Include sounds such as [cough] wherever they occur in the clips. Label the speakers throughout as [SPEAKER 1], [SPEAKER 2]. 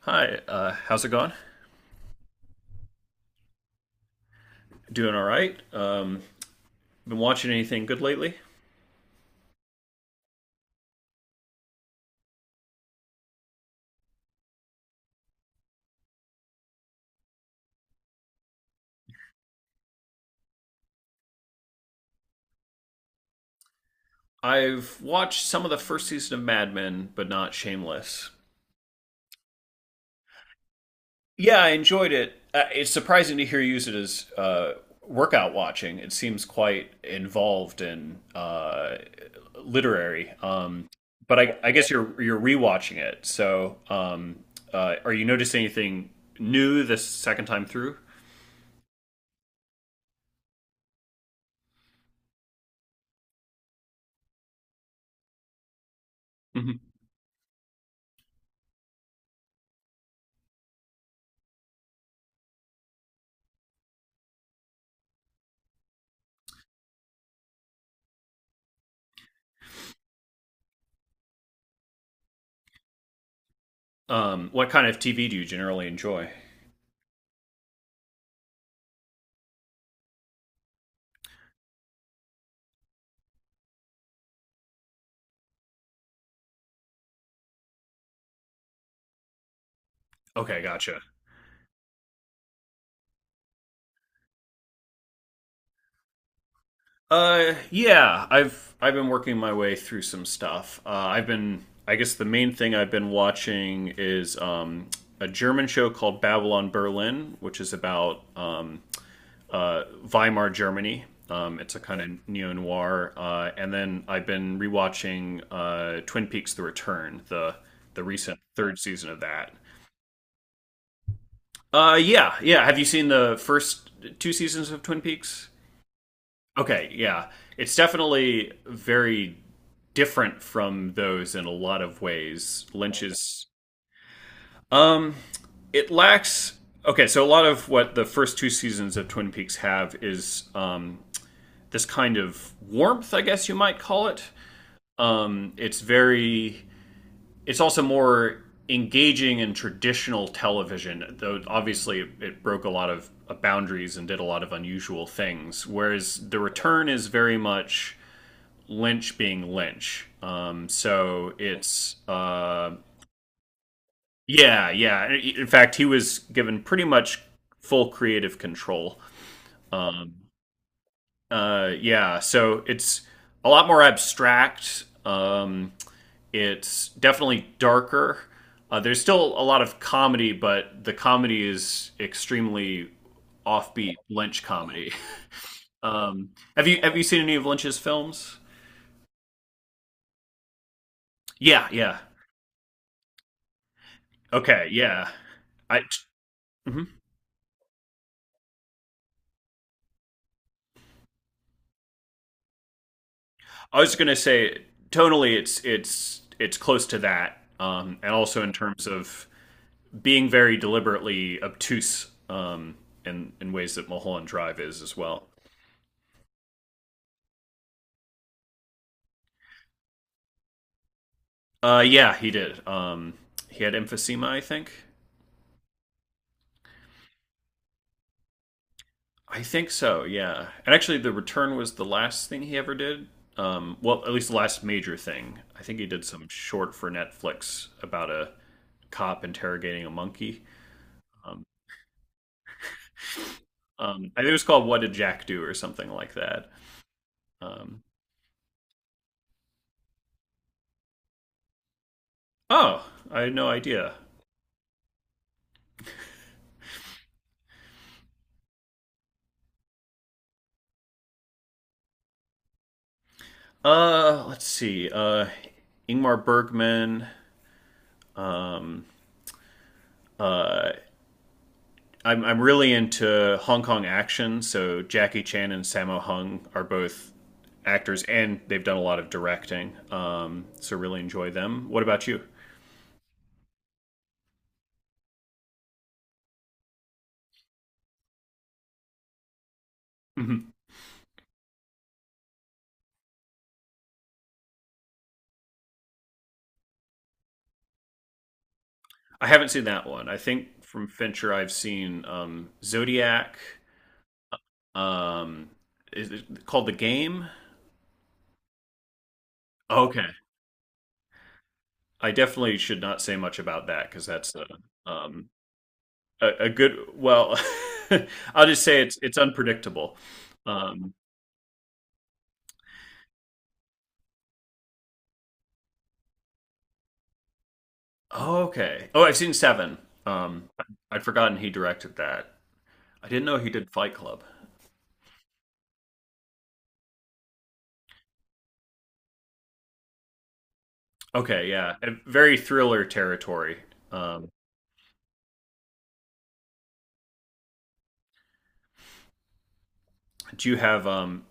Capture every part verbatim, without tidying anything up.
[SPEAKER 1] Hi, uh, how's it going? Doing all right. Um, been watching anything good lately? I've watched some of the first season of Mad Men, but not Shameless. Yeah, I enjoyed it. Uh, it's surprising to hear you use it as uh, workout watching. It seems quite involved and uh, literary. Um, but I, I guess you're you're rewatching it. So, um, uh, are you noticing anything new this second time through? Mhm. Um, what kind of T V do you generally enjoy? Okay, gotcha. Uh, yeah, I've I've been working my way through some stuff. Uh, I've been, I guess, the main thing I've been watching is um, a German show called Babylon Berlin, which is about um, uh, Weimar Germany. Um, it's a kind of neo noir. Uh, and then I've been rewatching uh, Twin Peaks: The Return, the the recent third season of that. Uh, yeah, yeah. Have you seen the first two seasons of Twin Peaks? Okay, yeah. It's definitely very different from those in a lot of ways. Lynch's it lacks Okay, so a lot of what the first two seasons of Twin Peaks have is um this kind of warmth, I guess you might call it. Um it's very it's also more engaging in traditional television, though obviously it broke a lot of uh, boundaries and did a lot of unusual things. Whereas The Return is very much Lynch being Lynch. Um, so it's uh, Yeah, yeah. In fact, he was given pretty much full creative control. Uh, yeah, so it's a lot more abstract. Um, it's definitely darker. Uh, there's still a lot of comedy, but the comedy is extremely offbeat Lynch comedy. [laughs] Um, have you have you seen any of Lynch's films? Yeah, yeah. Okay, yeah. I. Mhm. I was gonna say tonally, it's it's it's close to that, um, and also in terms of being very deliberately obtuse um, in in ways that Mulholland Drive is as well. Uh, yeah, he did. Um, he had emphysema, I think. I think so. Yeah, and actually, The Return was the last thing he ever did. Um, well, at least the last major thing. I think he did some short for Netflix about a cop interrogating a monkey. Um, um, I think it was called "What Did Jack Do" or something like that. Um, oh, I had no idea. Uh, let's see. Uh, Ingmar Bergman. Um, I'm I'm really into Hong Kong action, so Jackie Chan and Sammo Hung are both actors, and they've done a lot of directing. Um, so really enjoy them. What about you? Hmm. I haven't seen that one. I think from Fincher, I've seen um, Zodiac. Um, is it called The Game? Okay. I definitely should not say much about that because that's a um, a, a good. Well, [laughs] I'll just say it's it's unpredictable. um oh, okay. Oh, I've seen Seven. um I'd forgotten he directed that. I didn't know he did Fight Club. Okay, yeah, a very thriller territory. um do you have um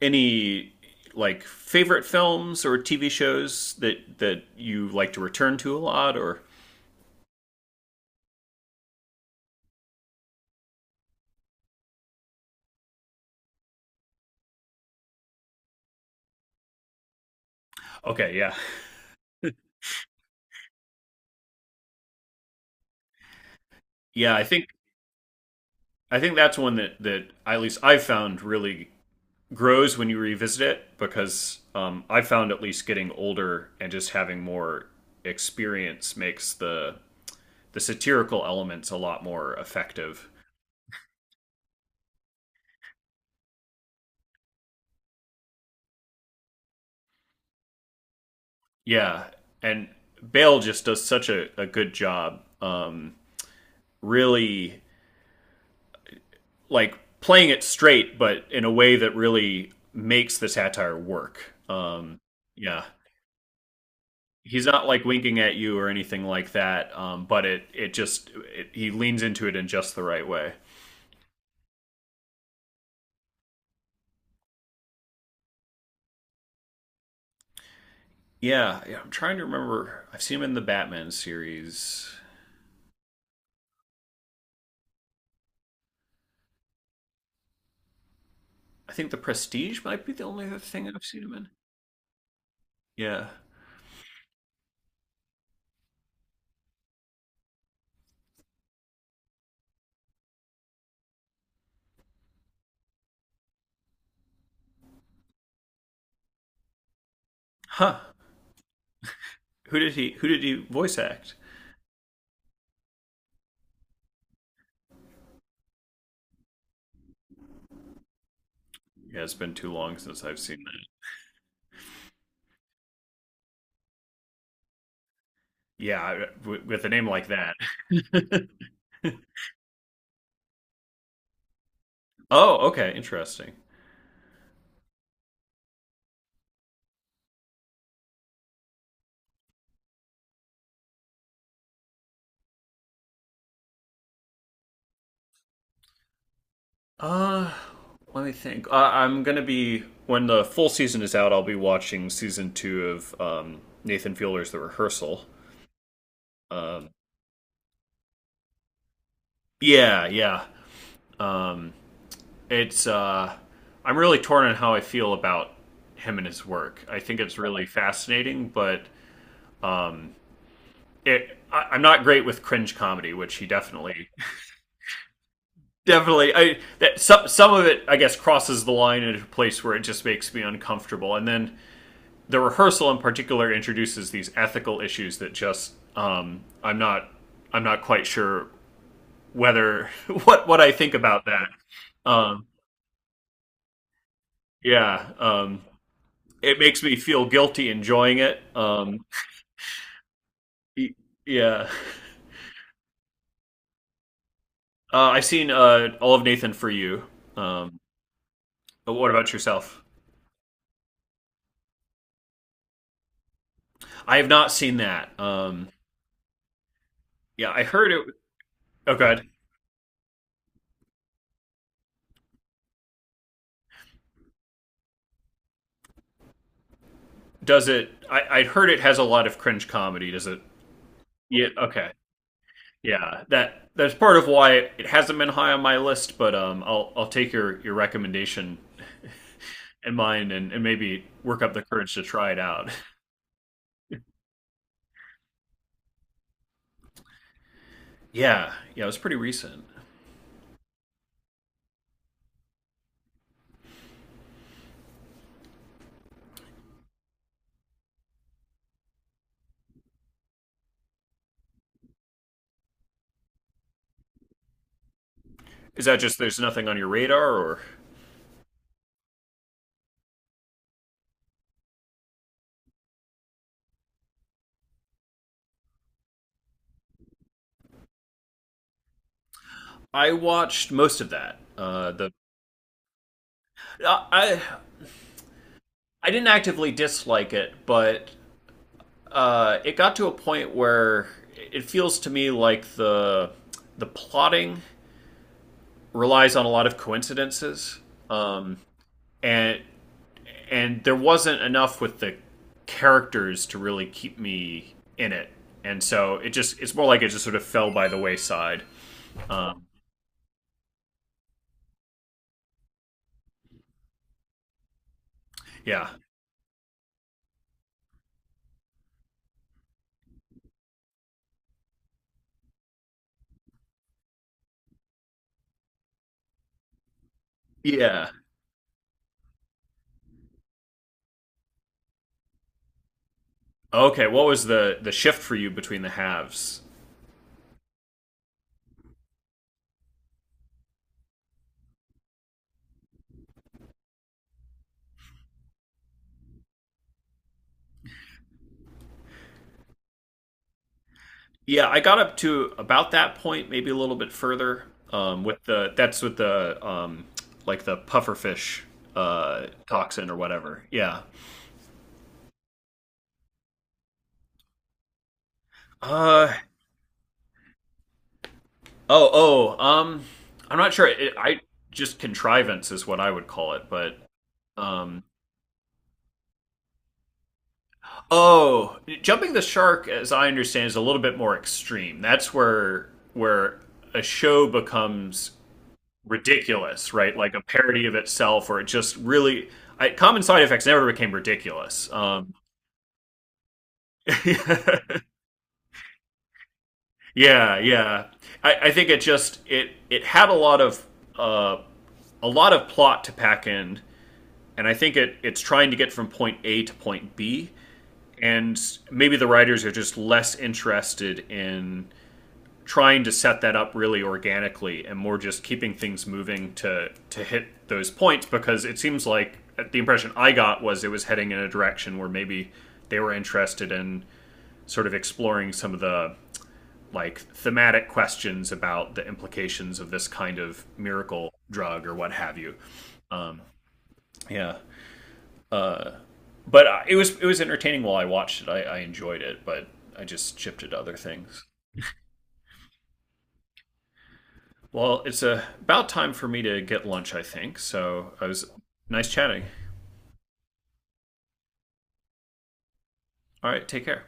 [SPEAKER 1] any like favorite films or T V shows that that you like to return to a lot, or? Okay, yeah, yeah, i think i think that's one that that at least I've found really grows when you revisit it because um, I found at least getting older and just having more experience makes the the satirical elements a lot more effective. Yeah, and Bale just does such a, a good job, um, really like playing it straight, but in a way that really makes the satire work. Um, yeah, he's not like winking at you or anything like that, um, but it it just it, he leans into it in just the right way. Yeah, yeah, I'm trying to remember. I've seen him in the Batman series. I think The Prestige might be the only other thing I've seen him in. Yeah. Huh. Who did he Who did he voice act? Yeah, it's been too long since I've seen that. Yeah, I- w- with a name like that. [laughs] Oh, okay, interesting. Uh, Let me think. Uh, I'm gonna be When the full season is out, I'll be watching season two of um, Nathan Fielder's The Rehearsal. Um, yeah, yeah. Um, it's uh I'm really torn on how I feel about him and his work. I think it's really fascinating, but it I, I'm not great with cringe comedy, which he definitely [laughs] definitely. I that some some of it I guess crosses the line into a place where it just makes me uncomfortable. And then the rehearsal in particular introduces these ethical issues that just um I'm not I'm not quite sure whether [laughs] what what I think about that. Um yeah, um it makes me feel guilty enjoying it. Um Yeah. Uh, I've seen uh, all of Nathan For You. Um, but what about yourself? I have not seen that. Um, yeah, I heard it. Oh, God. Does it? I, I heard it has a lot of cringe comedy. Does it? Yeah. Okay. Yeah. That that's part of why it hasn't been high on my list. But um, I'll I'll take your your recommendation [laughs] in mind and, and maybe work up the courage to try it out. [laughs] Yeah. Yeah. It was pretty recent. Is that just there's nothing on your radar, or? I watched most of that. Uh, the Uh, I I didn't actively dislike it, but uh, it got to a point where it feels to me like the the plotting relies on a lot of coincidences, um, and and there wasn't enough with the characters to really keep me in it, and so it just it's more like it just sort of fell by the wayside. Um, yeah, yeah. Okay, what was the the shift for you between the halves? Yeah, I got up to about that point, maybe a little bit further. Um, with the That's with the um, like the pufferfish uh, toxin or whatever. Yeah. Uh oh oh um I'm not sure. It, I Just contrivance is what I would call it, but um oh, jumping the shark, as I understand, is a little bit more extreme. That's where where a show becomes ridiculous, right? Like a parody of itself, or it just really. I, common Side Effects never became ridiculous. Um, [laughs] yeah, yeah. I, I think it just it it had a lot of uh, a lot of plot to pack in, and I think it it's trying to get from point A to point B, and maybe the writers are just less interested in trying to set that up really organically and more just keeping things moving to to hit those points because it seems like the impression I got was it was heading in a direction where maybe they were interested in sort of exploring some of the like thematic questions about the implications of this kind of miracle drug or what have you. Um, yeah, but uh, it was it was entertaining while I watched it. I, I enjoyed it, but I just shifted to other things. Well, it's uh, about time for me to get lunch, I think. So, I was nice chatting. All right, take care.